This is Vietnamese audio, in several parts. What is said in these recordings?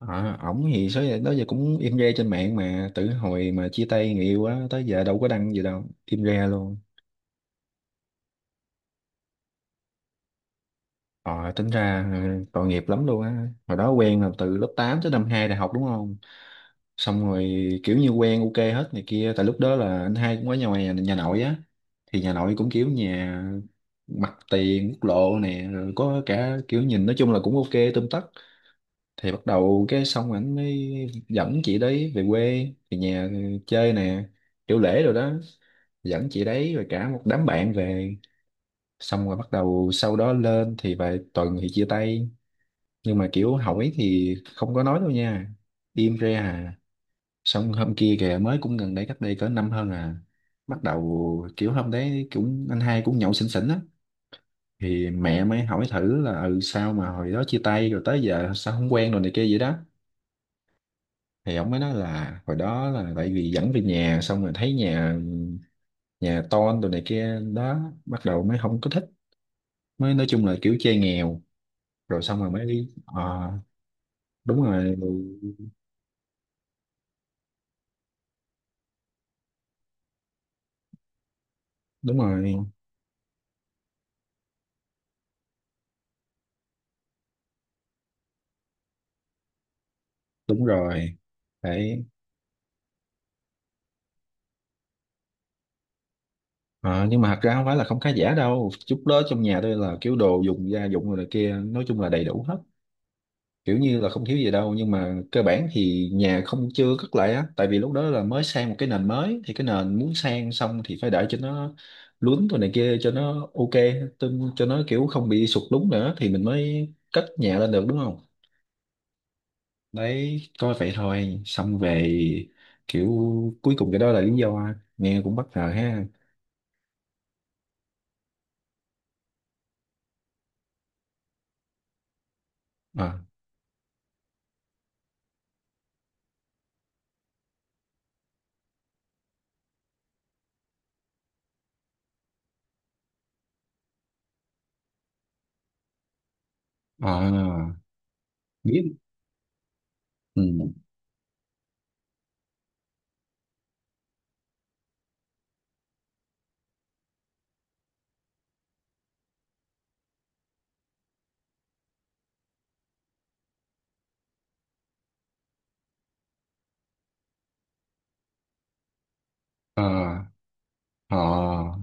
À, ổng thì số giờ đó giờ cũng im re trên mạng, mà từ hồi mà chia tay người yêu á tới giờ đâu có đăng gì đâu, im re luôn. Ờ, tính ra, ừ, tội nghiệp lắm luôn á. Hồi đó quen là từ lớp 8 tới năm 2 đại học, đúng không? Xong rồi kiểu như quen ok hết này kia. Tại lúc đó là anh hai cũng ở nhà ngoài, nhà, nhà nội á, thì nhà nội cũng kiểu nhà mặt tiền quốc lộ nè, rồi có cả kiểu nhìn nói chung là cũng ok tươm tất. Thì bắt đầu cái xong ảnh mới dẫn chị đấy về quê, về nhà chơi nè, kiểu lễ rồi đó, dẫn chị đấy rồi cả một đám bạn về. Xong rồi bắt đầu sau đó lên thì vài tuần thì chia tay, nhưng mà kiểu hỏi thì không có nói đâu nha, im re à. Xong hôm kia kìa mới, cũng gần đây, cách đây cỡ năm hơn à, bắt đầu kiểu hôm đấy cũng anh hai cũng nhậu xỉn xỉn á, thì mẹ mới hỏi thử là ừ sao mà hồi đó chia tay rồi tới giờ sao không quen rồi này kia vậy đó. Thì ông mới nói là hồi đó là tại vì dẫn về nhà xong rồi thấy nhà, nhà tôn đồ này kia đó, bắt đầu mới không có thích, mới nói chung là kiểu chơi nghèo, rồi xong rồi mới đi. Ờ, đúng rồi. Đúng rồi. Đúng rồi. Đấy. Ờ, nhưng mà thật ra không phải là không khá giả đâu chút đó. Trong nhà tôi là kiểu đồ dùng gia dụng rồi này kia nói chung là đầy đủ hết, kiểu như là không thiếu gì đâu. Nhưng mà cơ bản thì nhà không, chưa cất lại á, tại vì lúc đó là mới sang một cái nền mới, thì cái nền muốn sang xong thì phải để cho nó lún rồi này kia cho nó ok, cho nó kiểu không bị sụt lún nữa, thì mình mới cất nhà lên được, đúng không? Đấy, coi vậy thôi xong về. Kiểu, cuối cùng cái đó là lý do, nghe cũng bất ngờ ha. À. À, biết. Ừ. À. À.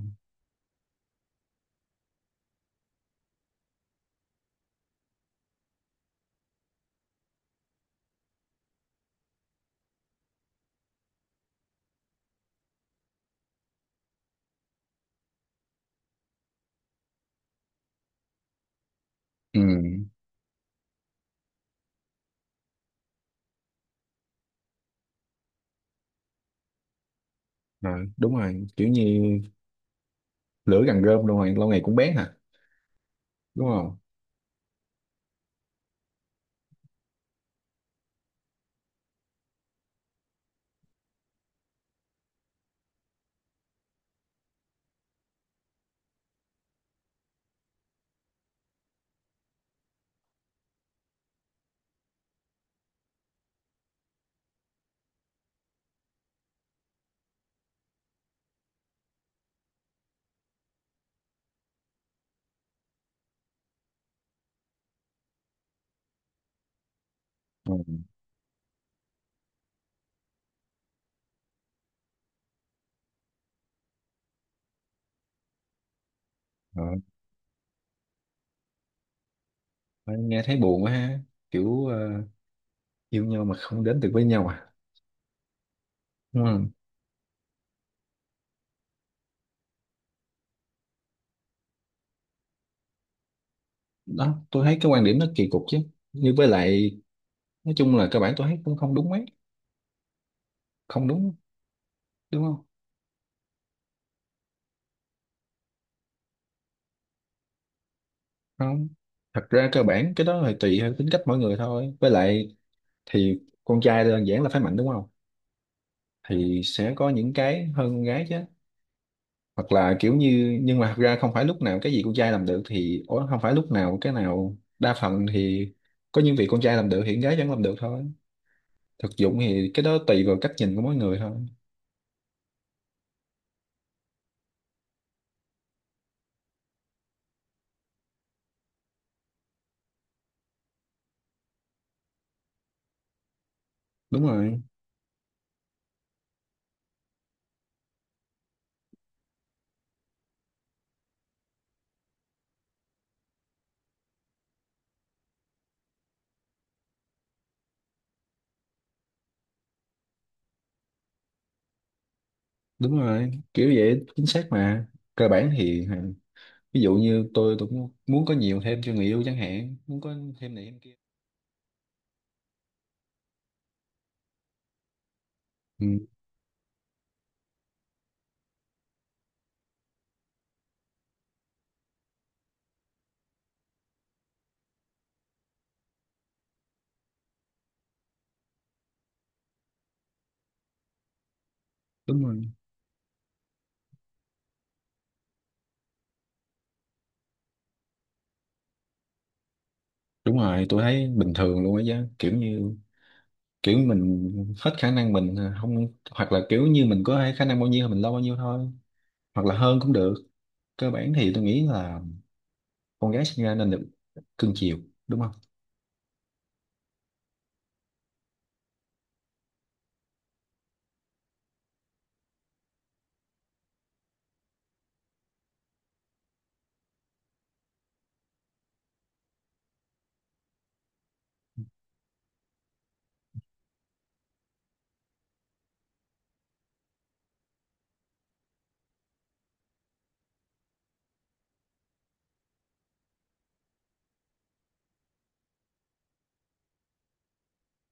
Ừ. Rồi, đúng rồi, kiểu như lửa gần rơm luôn rồi, lâu ngày cũng bén hả, đúng không? Ừ. Ờ, nghe thấy buồn quá ha. Kiểu ờ, yêu nhau mà không đến được với nhau à. Đúng. Đó, tôi thấy cái quan điểm nó kỳ cục chứ. Nhưng với lại nói chung là cơ bản tôi thấy cũng không đúng mấy. Không đúng, đúng không? Không, thật ra cơ bản cái đó là tùy theo tính cách mỗi người thôi. Với lại thì con trai đơn giản là phải mạnh, đúng không? Thì sẽ có những cái hơn con gái chứ. Hoặc là kiểu như, nhưng mà thật ra không phải lúc nào cái gì con trai làm được thì, ủa, không phải lúc nào cái nào đa phần thì có những việc con trai làm được thì con gái vẫn làm được thôi. Thực dụng thì cái đó tùy vào cách nhìn của mỗi người thôi. Đúng rồi. Đúng rồi kiểu vậy, chính xác mà. Cơ bản thì hả, ví dụ như tôi cũng muốn có nhiều thêm cho người yêu chẳng hạn, muốn có thêm này thêm kia. Ừ, đúng rồi. Đúng rồi, tôi thấy bình thường luôn á chứ. Kiểu như kiểu mình hết khả năng mình, à, không, hoặc là kiểu như mình có khả năng bao nhiêu thì mình lo bao nhiêu thôi, hoặc là hơn cũng được. Cơ bản thì tôi nghĩ là con gái sinh ra nên được cưng chiều, đúng không?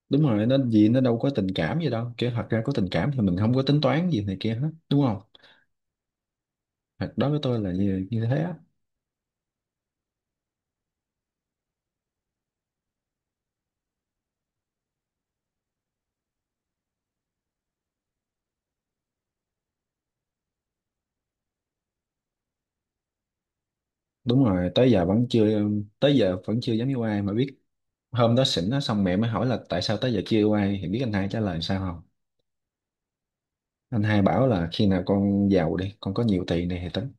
Đúng rồi, nó gì nó đâu có tình cảm gì đâu. Kiểu thật ra có tình cảm thì mình không có tính toán gì này kia hết, đúng không? Thật đó, với tôi là như, như thế á. Đúng rồi, tới giờ vẫn chưa. Tới giờ vẫn chưa dám yêu ai mà biết. Hôm đó xỉn á, xong mẹ mới hỏi là tại sao tới giờ chưa yêu ai, thì biết anh hai trả lời sao không? Anh hai bảo là khi nào con giàu đi, con có nhiều tiền này thì tính.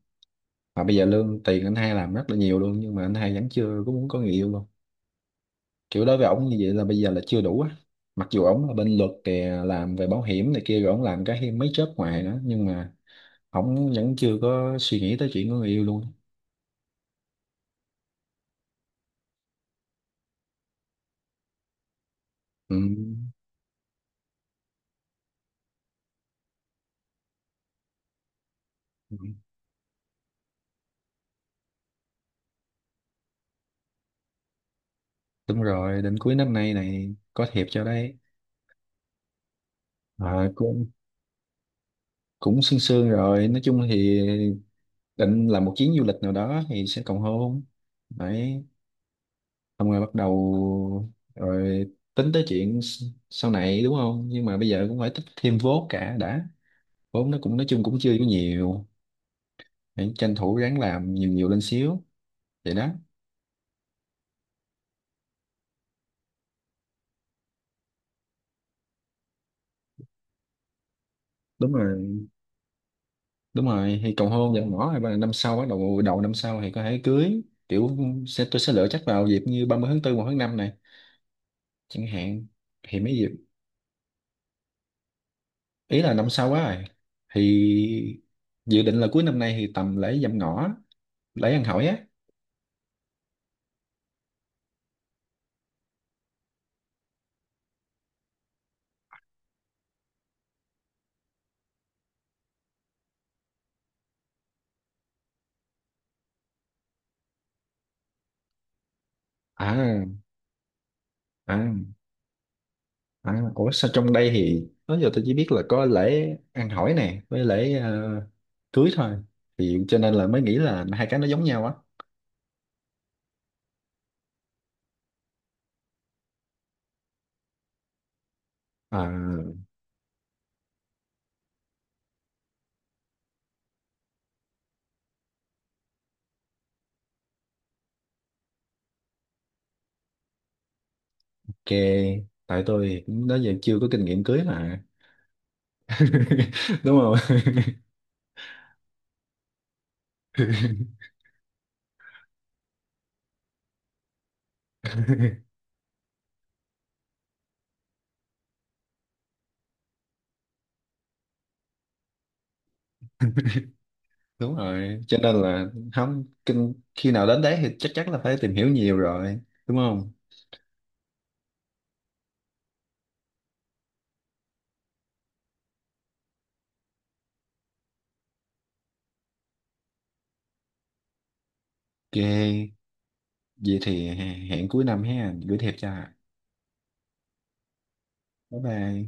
Mà bây giờ lương tiền anh hai làm rất là nhiều luôn, nhưng mà anh hai vẫn chưa có muốn có người yêu luôn. Kiểu đối với ổng như vậy là bây giờ là chưa đủ á. Mặc dù ổng là bên luật kìa, làm về bảo hiểm này kia, rồi ổng làm cái mấy job ngoài nữa, nhưng mà ổng vẫn chưa có suy nghĩ tới chuyện của người yêu luôn. Ừ. Ừ, đúng rồi, đến cuối năm nay này có thiệp cho đấy. À, cũng cũng sương sương rồi. Nói chung thì định làm một chuyến du lịch nào đó thì sẽ cầu hôn. Đấy, xong rồi bắt đầu rồi tính tới chuyện sau này, đúng không? Nhưng mà bây giờ cũng phải tích thêm vốn cả đã. Vốn nó cũng nói chung cũng chưa có nhiều, hãy tranh thủ ráng làm nhiều nhiều lên xíu. Vậy đó. Đúng rồi. Đúng rồi, thì cầu hôn nhận ngỏ rồi năm sau bắt đầu, đầu năm sau thì có thể cưới. Kiểu tôi sẽ lựa chắc vào dịp như 30 tháng 4 1 tháng 5 này chẳng hạn. Thì mấy dịp, ý là năm sau quá rồi thì, dự định là cuối năm nay thì tầm lễ dạm ngõ, lễ ăn hỏi á. À. À. À, ủa sao trong đây thì đó giờ tôi chỉ biết là có lễ ăn hỏi nè với lễ, ờ, cưới thôi, thì cho nên là mới nghĩ là hai cái nó giống nhau á. À, ok, tại tôi cũng đó giờ chưa có kinh nghiệm cưới mà. Đúng không? Đúng rồi, cho nên là không kinh, khi nào đến đấy thì chắc chắn là phải tìm hiểu nhiều rồi, đúng không? Ok, vậy thì hẹn cuối năm ha, gửi thiệp cho. Bye bye.